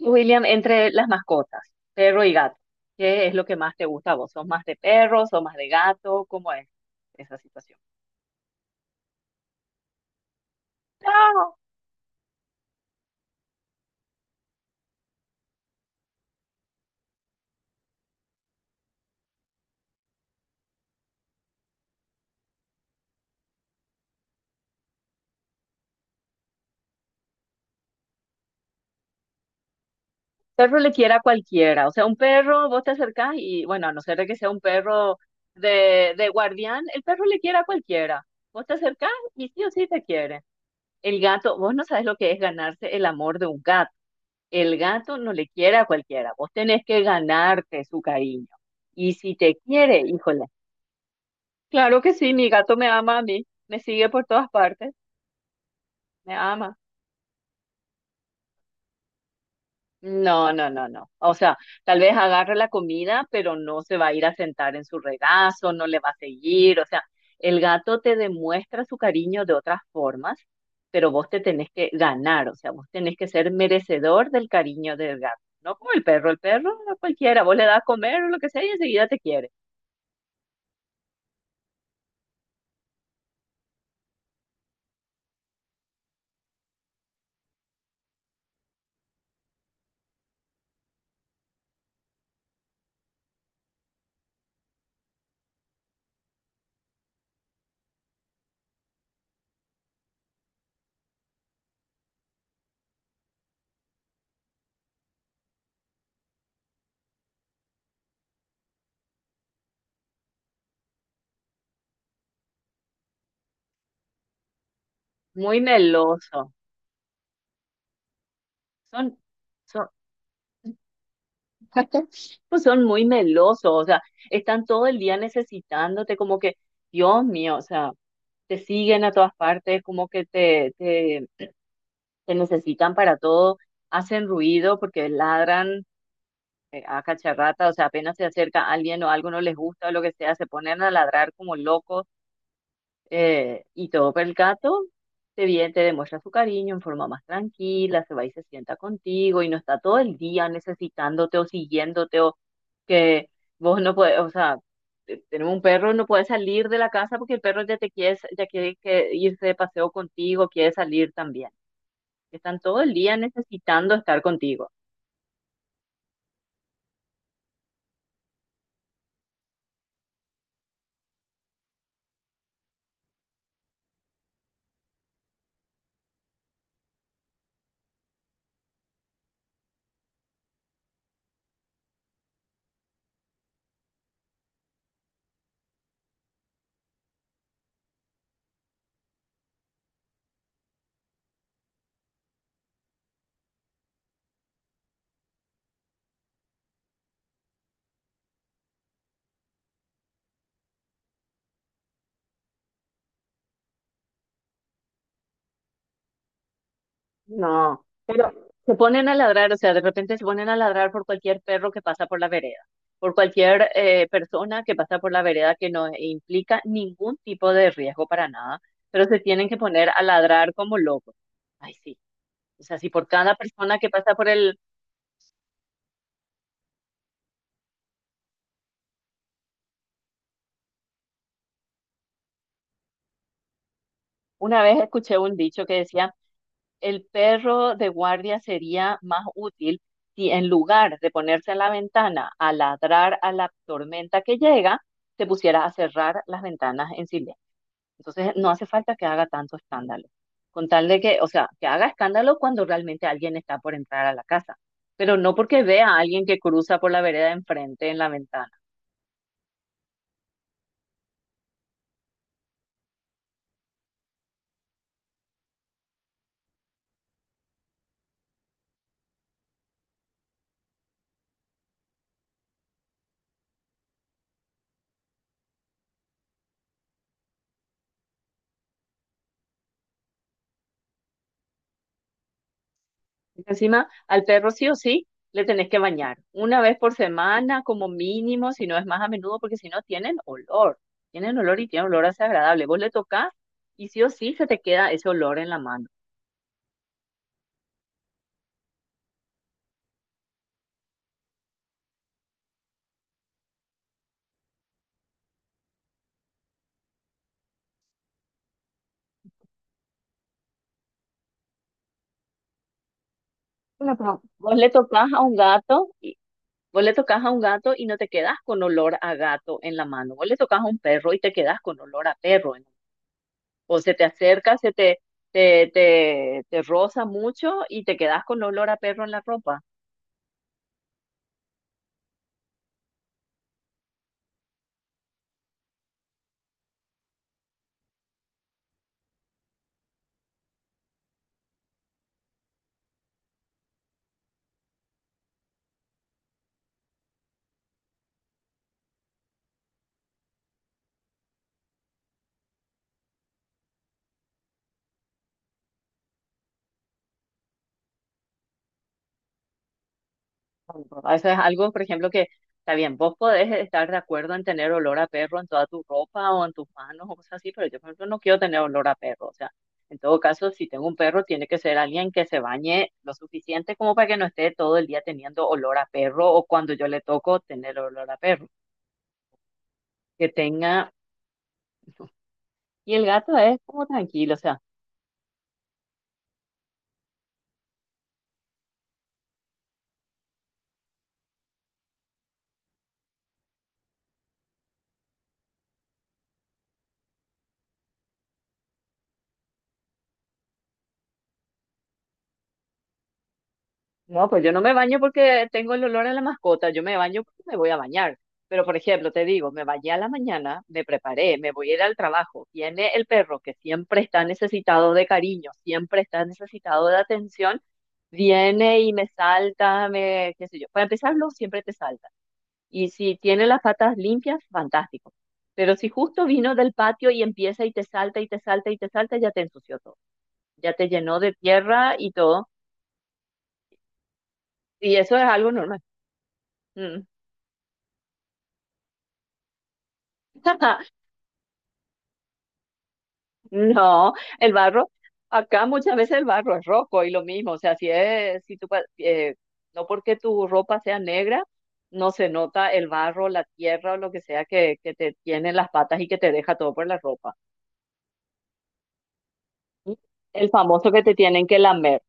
William, entre las mascotas, perro y gato, ¿qué es lo que más te gusta a vos? ¿Sos más de perro, sos más de gato? ¿Cómo es esa situación? No, perro le quiere a cualquiera. O sea, un perro, vos te acercás y, bueno, a no ser de que sea un perro de guardián, el perro le quiere a cualquiera. Vos te acercás y sí o sí te quiere. El gato, vos no sabes lo que es ganarse el amor de un gato. El gato no le quiere a cualquiera. Vos tenés que ganarte su cariño. Y si te quiere, híjole. Claro que sí, mi gato me ama a mí, me sigue por todas partes, me ama. No, no, no, no. O sea, tal vez agarre la comida, pero no se va a ir a sentar en su regazo, no le va a seguir. O sea, el gato te demuestra su cariño de otras formas, pero vos te tenés que ganar, o sea, vos tenés que ser merecedor del cariño del gato. No como el perro a cualquiera, vos le das a comer o lo que sea y enseguida te quiere. Muy meloso. Son, son, Pues son muy melosos, o sea, están todo el día necesitándote, como que, Dios mío, o sea, te siguen a todas partes, como que te necesitan para todo, hacen ruido porque ladran a cacharrata, o sea, apenas se acerca alguien o algo no les gusta o lo que sea, se ponen a ladrar como locos. Y todo, pero el gato te viene, te demuestra su cariño en forma más tranquila, se va y se sienta contigo y no está todo el día necesitándote o siguiéndote o que vos no puedes, o sea, tenemos un perro, no puede salir de la casa porque el perro ya te quiere, ya quiere que irse de paseo contigo, quiere salir también. Están todo el día necesitando estar contigo. No, pero se ponen a ladrar, o sea, de repente se ponen a ladrar por cualquier perro que pasa por la vereda, por cualquier persona que pasa por la vereda que no implica ningún tipo de riesgo para nada, pero se tienen que poner a ladrar como locos. Ay, sí. O sea, si por cada persona que pasa por el... Una vez escuché un dicho que decía, el perro de guardia sería más útil si en lugar de ponerse a la ventana a ladrar a la tormenta que llega, se pusiera a cerrar las ventanas en silencio. Entonces, no hace falta que haga tanto escándalo. Con tal de que, o sea, que haga escándalo cuando realmente alguien está por entrar a la casa, pero no porque vea a alguien que cruza por la vereda de enfrente en la ventana. Encima, al perro sí o sí le tenés que bañar una vez por semana como mínimo, si no es más a menudo, porque si no tienen olor, tienen olor y tienen olor desagradable. Vos le tocas y sí o sí se te queda ese olor en la mano. Bueno, pero vos le tocas a un gato y vos le tocas a un gato y no te quedas con olor a gato en la mano. Vos le tocas a un perro y te quedas con olor a perro, ¿no? O se te acerca, se te, te, te, te roza mucho y te quedas con olor a perro en la ropa. Eso es algo, por ejemplo, que está bien, vos podés estar de acuerdo en tener olor a perro en toda tu ropa o en tus manos o cosas así, pero yo, por ejemplo, no quiero tener olor a perro. O sea, en todo caso, si tengo un perro, tiene que ser alguien que se bañe lo suficiente como para que no esté todo el día teniendo olor a perro o cuando yo le toco tener olor a perro. Que tenga... Y el gato es como tranquilo, o sea, no, pues yo no me baño porque tengo el olor a la mascota, yo me baño porque me voy a bañar. Pero, por ejemplo, te digo, me bañé a la mañana, me preparé, me voy a ir al trabajo. Viene el perro que siempre está necesitado de cariño, siempre está necesitado de atención, viene y me salta, me, qué sé yo. Para empezarlo, siempre te salta. Y si tiene las patas limpias, fantástico. Pero si justo vino del patio y empieza y te salta y te salta y te salta, ya te ensució todo. Ya te llenó de tierra y todo. Y eso es algo normal. Mm. No, el barro, acá muchas veces el barro es rojo y lo mismo, o sea, si es, si tú, no porque tu ropa sea negra, no se nota el barro, la tierra o lo que sea que te tiene en las patas y que te deja todo por la ropa. El famoso que te tienen que lamer.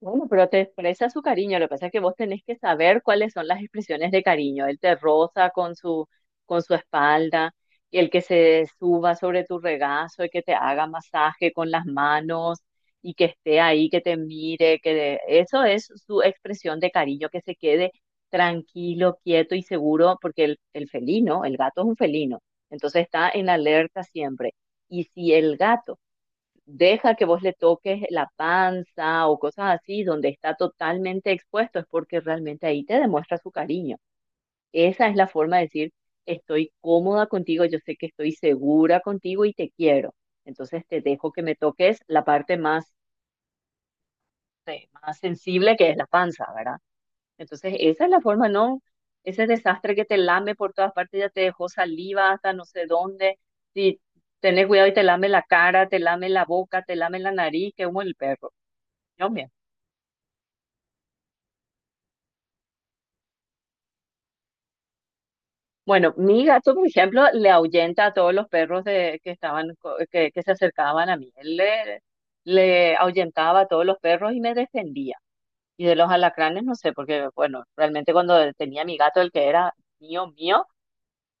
Bueno, pero te expresa su cariño. Lo que pasa es que vos tenés que saber cuáles son las expresiones de cariño. Él te roza con con su espalda, y el que se suba sobre tu regazo y que te haga masaje con las manos y que esté ahí, que te mire, eso es su expresión de cariño, que se quede tranquilo, quieto y seguro, porque el felino, el gato es un felino, entonces está en alerta siempre. Y si el gato deja que vos le toques la panza o cosas así, donde está totalmente expuesto, es porque realmente ahí te demuestra su cariño. Esa es la forma de decir, estoy cómoda contigo, yo sé que estoy segura contigo y te quiero. Entonces te dejo que me toques la parte más, más sensible que es la panza, ¿verdad? Entonces esa es la forma, ¿no? Ese desastre que te lame por todas partes, ya te dejó saliva hasta no sé dónde. Si tenés cuidado y te lame la cara, te lame la boca, te lame la nariz, que humo el perro. Dios mío. Bueno, mi gato, por ejemplo, le ahuyenta a todos los perros que estaban, que se acercaban a mí. Le ahuyentaba a todos los perros y me defendía. Y de los alacranes, no sé, porque, bueno, realmente cuando tenía mi gato, el que era mío, mío,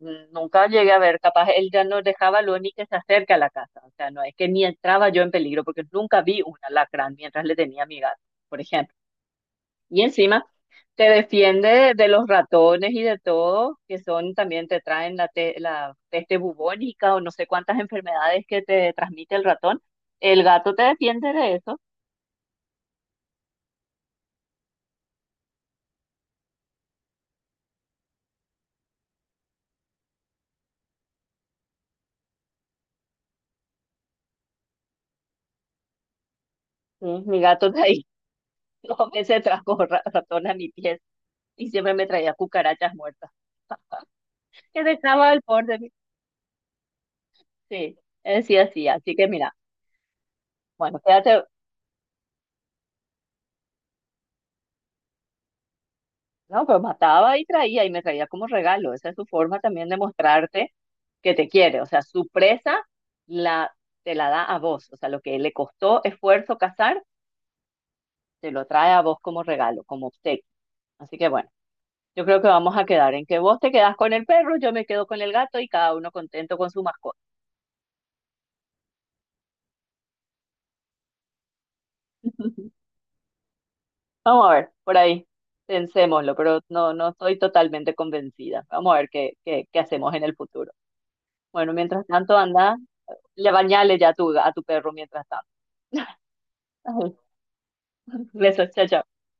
nunca llegué a ver, capaz él ya no dejaba lo ni que se acerque a la casa. O sea, no es que ni entraba yo en peligro, porque nunca vi un alacrán mientras le tenía a mi gato, por ejemplo. Y encima te defiende de los ratones y de todo, que son también te traen la peste bubónica o no sé cuántas enfermedades que te transmite el ratón. El gato te defiende de eso. Sí, mi gato de ahí dos veces trajo ratón a mi pies y siempre me traía cucarachas muertas que dejaba al borde sí, él sí, así. Así que mira, bueno, quédate, no, pero mataba y traía y me traía como regalo. Esa es su forma también de mostrarte que te quiere. O sea, su presa la, te la da a vos. O sea, lo que le costó esfuerzo cazar, te lo trae a vos como regalo, como obsequio. Así que bueno, yo creo que vamos a quedar en que vos te quedás con el perro, yo me quedo con el gato y cada uno contento con su mascota. Vamos a ver, por ahí, pensémoslo, pero no, no estoy totalmente convencida. Vamos a ver qué hacemos en el futuro. Bueno, mientras tanto, anda le bañale ya a tu perro mientras tanto. Besos, chao, chao.